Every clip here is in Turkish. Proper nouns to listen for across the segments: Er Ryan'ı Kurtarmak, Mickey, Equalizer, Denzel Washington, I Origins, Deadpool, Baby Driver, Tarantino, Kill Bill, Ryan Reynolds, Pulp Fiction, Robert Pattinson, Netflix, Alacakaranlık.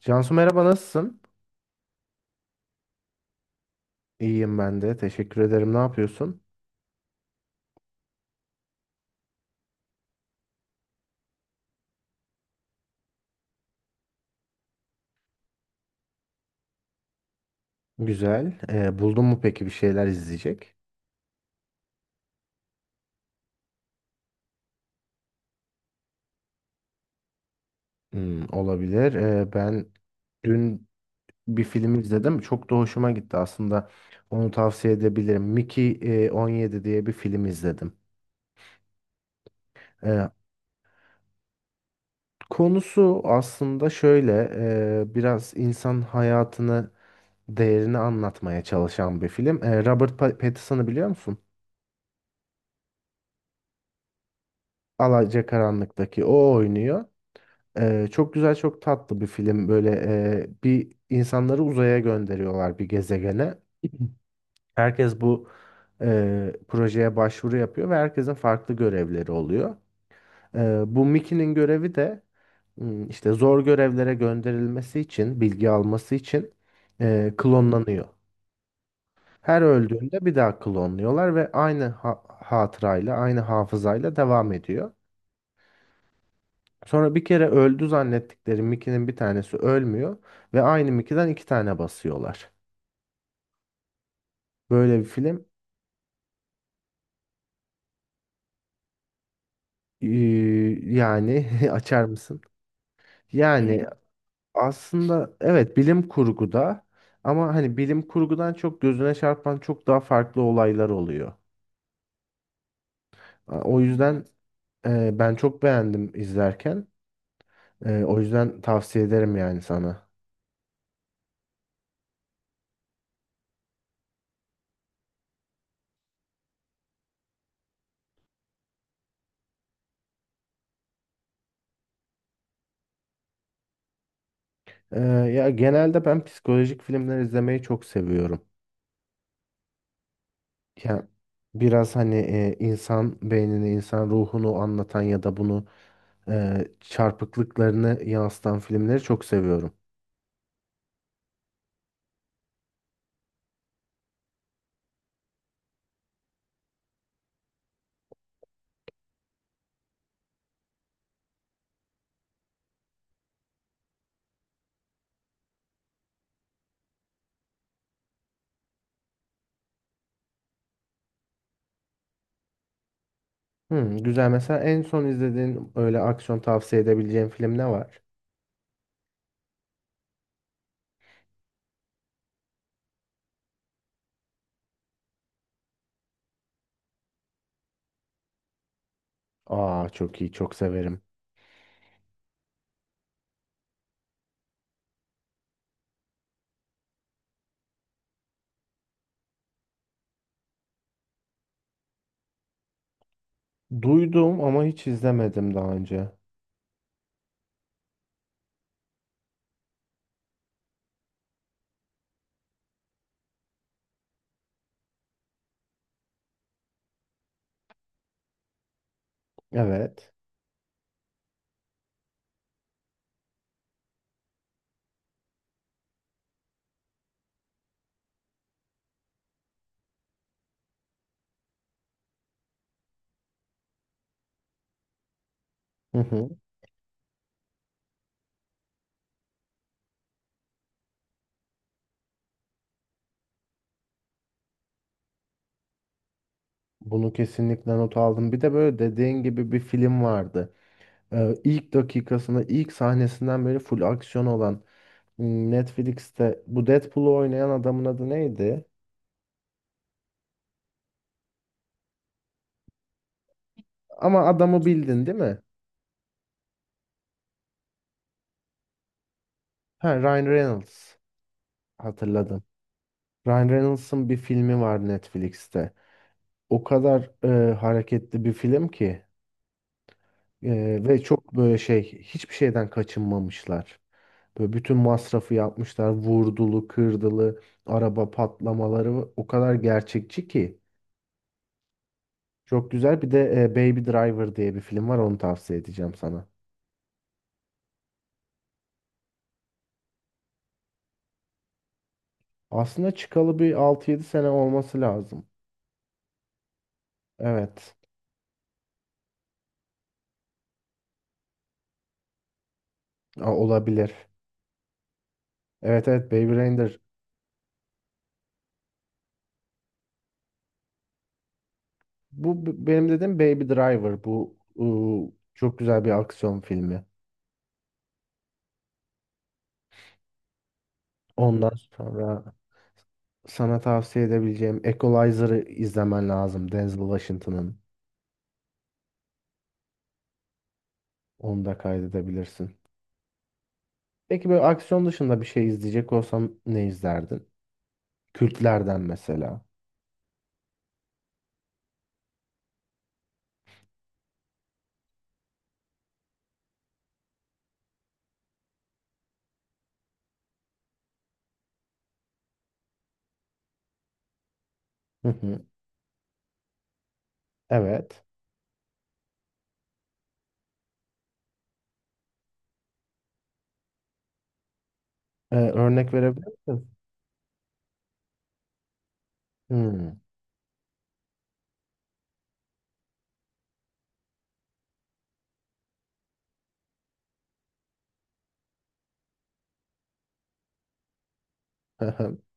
Cansu merhaba nasılsın? İyiyim ben de. Teşekkür ederim. Ne yapıyorsun? Güzel. Buldun mu peki bir şeyler izleyecek? Hmm, olabilir. Ben dün bir film izledim. Çok da hoşuma gitti aslında. Onu tavsiye edebilirim. Mickey 17 diye bir film izledim. Ee, konusu aslında şöyle. Biraz insan hayatını, değerini anlatmaya çalışan bir film. Robert Pattinson'ı biliyor musun? Alacakaranlık'taki o oynuyor. Çok güzel, çok tatlı bir film. Böyle bir insanları uzaya gönderiyorlar bir gezegene. Herkes bu projeye başvuru yapıyor ve herkesin farklı görevleri oluyor. Bu Mickey'nin görevi de, işte zor görevlere gönderilmesi için, bilgi alması için, klonlanıyor. Her öldüğünde bir daha klonluyorlar ve aynı hatırayla, aynı hafızayla devam ediyor. Sonra bir kere öldü zannettikleri Mickey'nin bir tanesi ölmüyor ve aynı Mickey'den iki tane basıyorlar. Böyle bir film. ee, yani açar mısın? Yani aslında evet bilim kurguda ama hani bilim kurgudan çok gözüne çarpan çok daha farklı olaylar oluyor. O yüzden, ben çok beğendim izlerken. O yüzden tavsiye ederim yani sana. Ee, ya genelde ben psikolojik filmler izlemeyi çok seviyorum. Ya biraz hani insan beynini, insan ruhunu anlatan ya da bunu çarpıklıklarını yansıtan filmleri çok seviyorum. Hmm, güzel. Mesela en son izlediğin öyle aksiyon tavsiye edebileceğin film ne var? Aa, çok iyi, çok severim. Duydum ama hiç izlemedim daha önce. Evet. Hı hı. Bunu kesinlikle not aldım. Bir de böyle dediğin gibi bir film vardı. E, ilk dakikasında, ilk sahnesinden beri full aksiyon olan, Netflix'te bu Deadpool'u oynayan adamın adı neydi? Ama adamı bildin değil mi? Ha, Ryan Reynolds hatırladım. Ryan Reynolds'ın bir filmi var Netflix'te. O kadar hareketli bir film ki, ve çok böyle şey hiçbir şeyden kaçınmamışlar. Böyle bütün masrafı yapmışlar. Vurdulu, kırdılı, araba patlamaları o kadar gerçekçi ki. Çok güzel. Bir de Baby Driver diye bir film var. Onu tavsiye edeceğim sana. Aslında çıkalı bir altı yedi sene olması lazım. Evet. Olabilir. Evet evet, Baby Driver. Bu benim dediğim Baby Driver. Bu çok güzel bir aksiyon filmi. Ondan sonra sana tavsiye edebileceğim Equalizer'ı izlemen lazım. Denzel Washington'ın. Onu da kaydedebilirsin. Peki böyle aksiyon dışında bir şey izleyecek olsam ne izlerdin? Kültlerden mesela. Hı hı. Evet. Örnek verebilir misin? Hmm.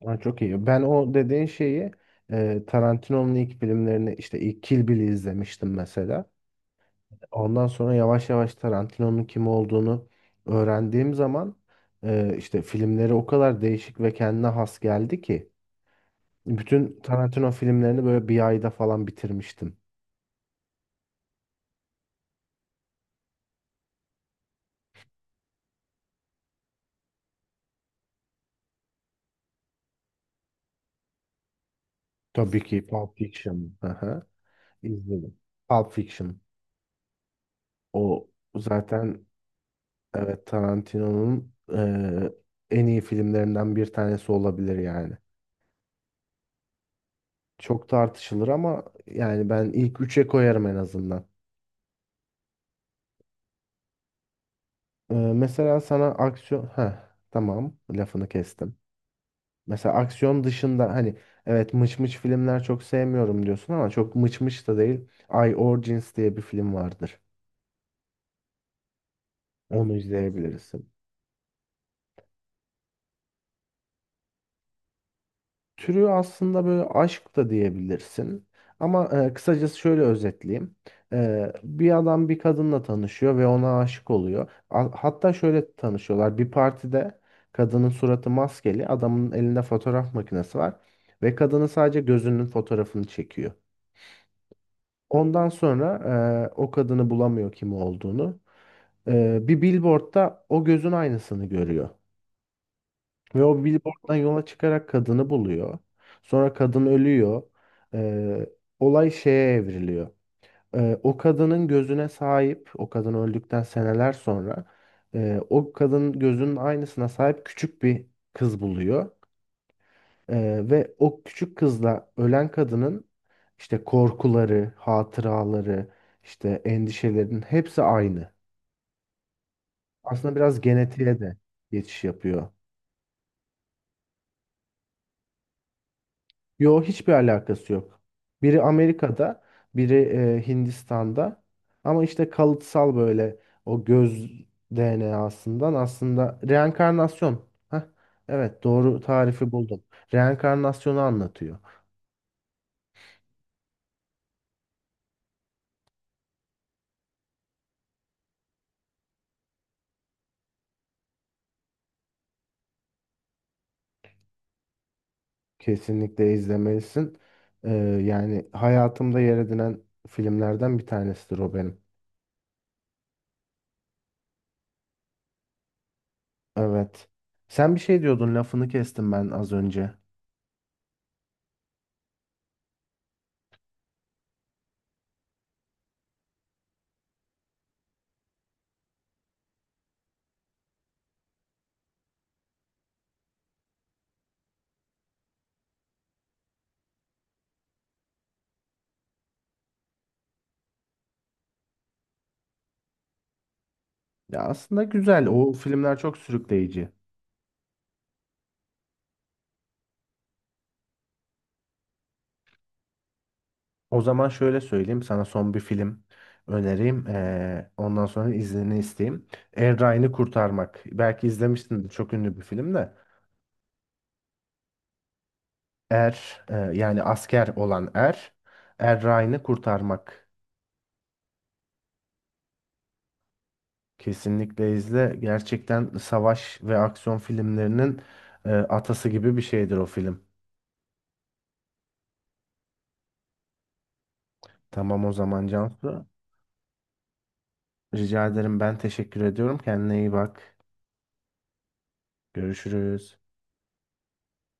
Aa, çok iyi. Ben o dediğin şeyi, Tarantino'nun ilk filmlerini işte ilk Kill Bill'i izlemiştim mesela. Ondan sonra yavaş yavaş Tarantino'nun kim olduğunu öğrendiğim zaman, işte filmleri o kadar değişik ve kendine has geldi ki bütün Tarantino filmlerini böyle bir ayda falan bitirmiştim. Tabii ki Pulp Fiction. Aha, izledim. Pulp Fiction. O zaten. Evet, Tarantino'nun en iyi filmlerinden bir tanesi olabilir yani. Çok tartışılır ama yani ben ilk üçe koyarım en azından. Mesela sana aksiyon... Heh, tamam lafını kestim. Mesela aksiyon dışında hani evet mıç mıç filmler çok sevmiyorum diyorsun ama çok mıç mıç da değil. I Origins diye bir film vardır. Onu izleyebiliriz. Türü aslında böyle aşk da diyebilirsin. Ama kısacası şöyle özetleyeyim. Bir adam bir kadınla tanışıyor ve ona aşık oluyor. Hatta şöyle tanışıyorlar. Bir partide kadının suratı maskeli, adamın elinde fotoğraf makinesi var ve kadının sadece gözünün fotoğrafını çekiyor. Ondan sonra, o kadını bulamıyor kim olduğunu. Bir billboardda o gözün aynısını görüyor. Ve o billboarddan yola çıkarak kadını buluyor. Sonra kadın ölüyor. Ee, olay şeye evriliyor. O kadının gözüne sahip, o kadın öldükten seneler sonra, o kadın gözünün aynısına sahip küçük bir kız buluyor. Ve o küçük kızla ölen kadının işte korkuları, hatıraları, işte endişelerinin hepsi aynı. Aslında biraz genetiğe de geçiş yapıyor. Yo, hiçbir alakası yok. Biri Amerika'da, biri Hindistan'da. Ama işte kalıtsal böyle o göz DNA'sından aslında reenkarnasyon. Heh, evet doğru tarifi buldum. Reenkarnasyonu anlatıyor. Kesinlikle izlemelisin. Ee, yani hayatımda yer edinen filmlerden bir tanesidir o benim. Evet. Sen bir şey diyordun, lafını kestim ben az önce. Ya aslında güzel. O filmler çok sürükleyici. O zaman şöyle söyleyeyim, sana son bir film önereyim. Ondan sonra iznini isteyeyim. Er Ryan'ı Kurtarmak. Belki izlemişsindir, çok ünlü bir film de. Er, yani asker olan Er. Er Ryan'ı Kurtarmak. Kesinlikle izle. Gerçekten savaş ve aksiyon filmlerinin atası gibi bir şeydir o film. Tamam o zaman Cansu. Rica ederim, ben teşekkür ediyorum. Kendine iyi bak. Görüşürüz.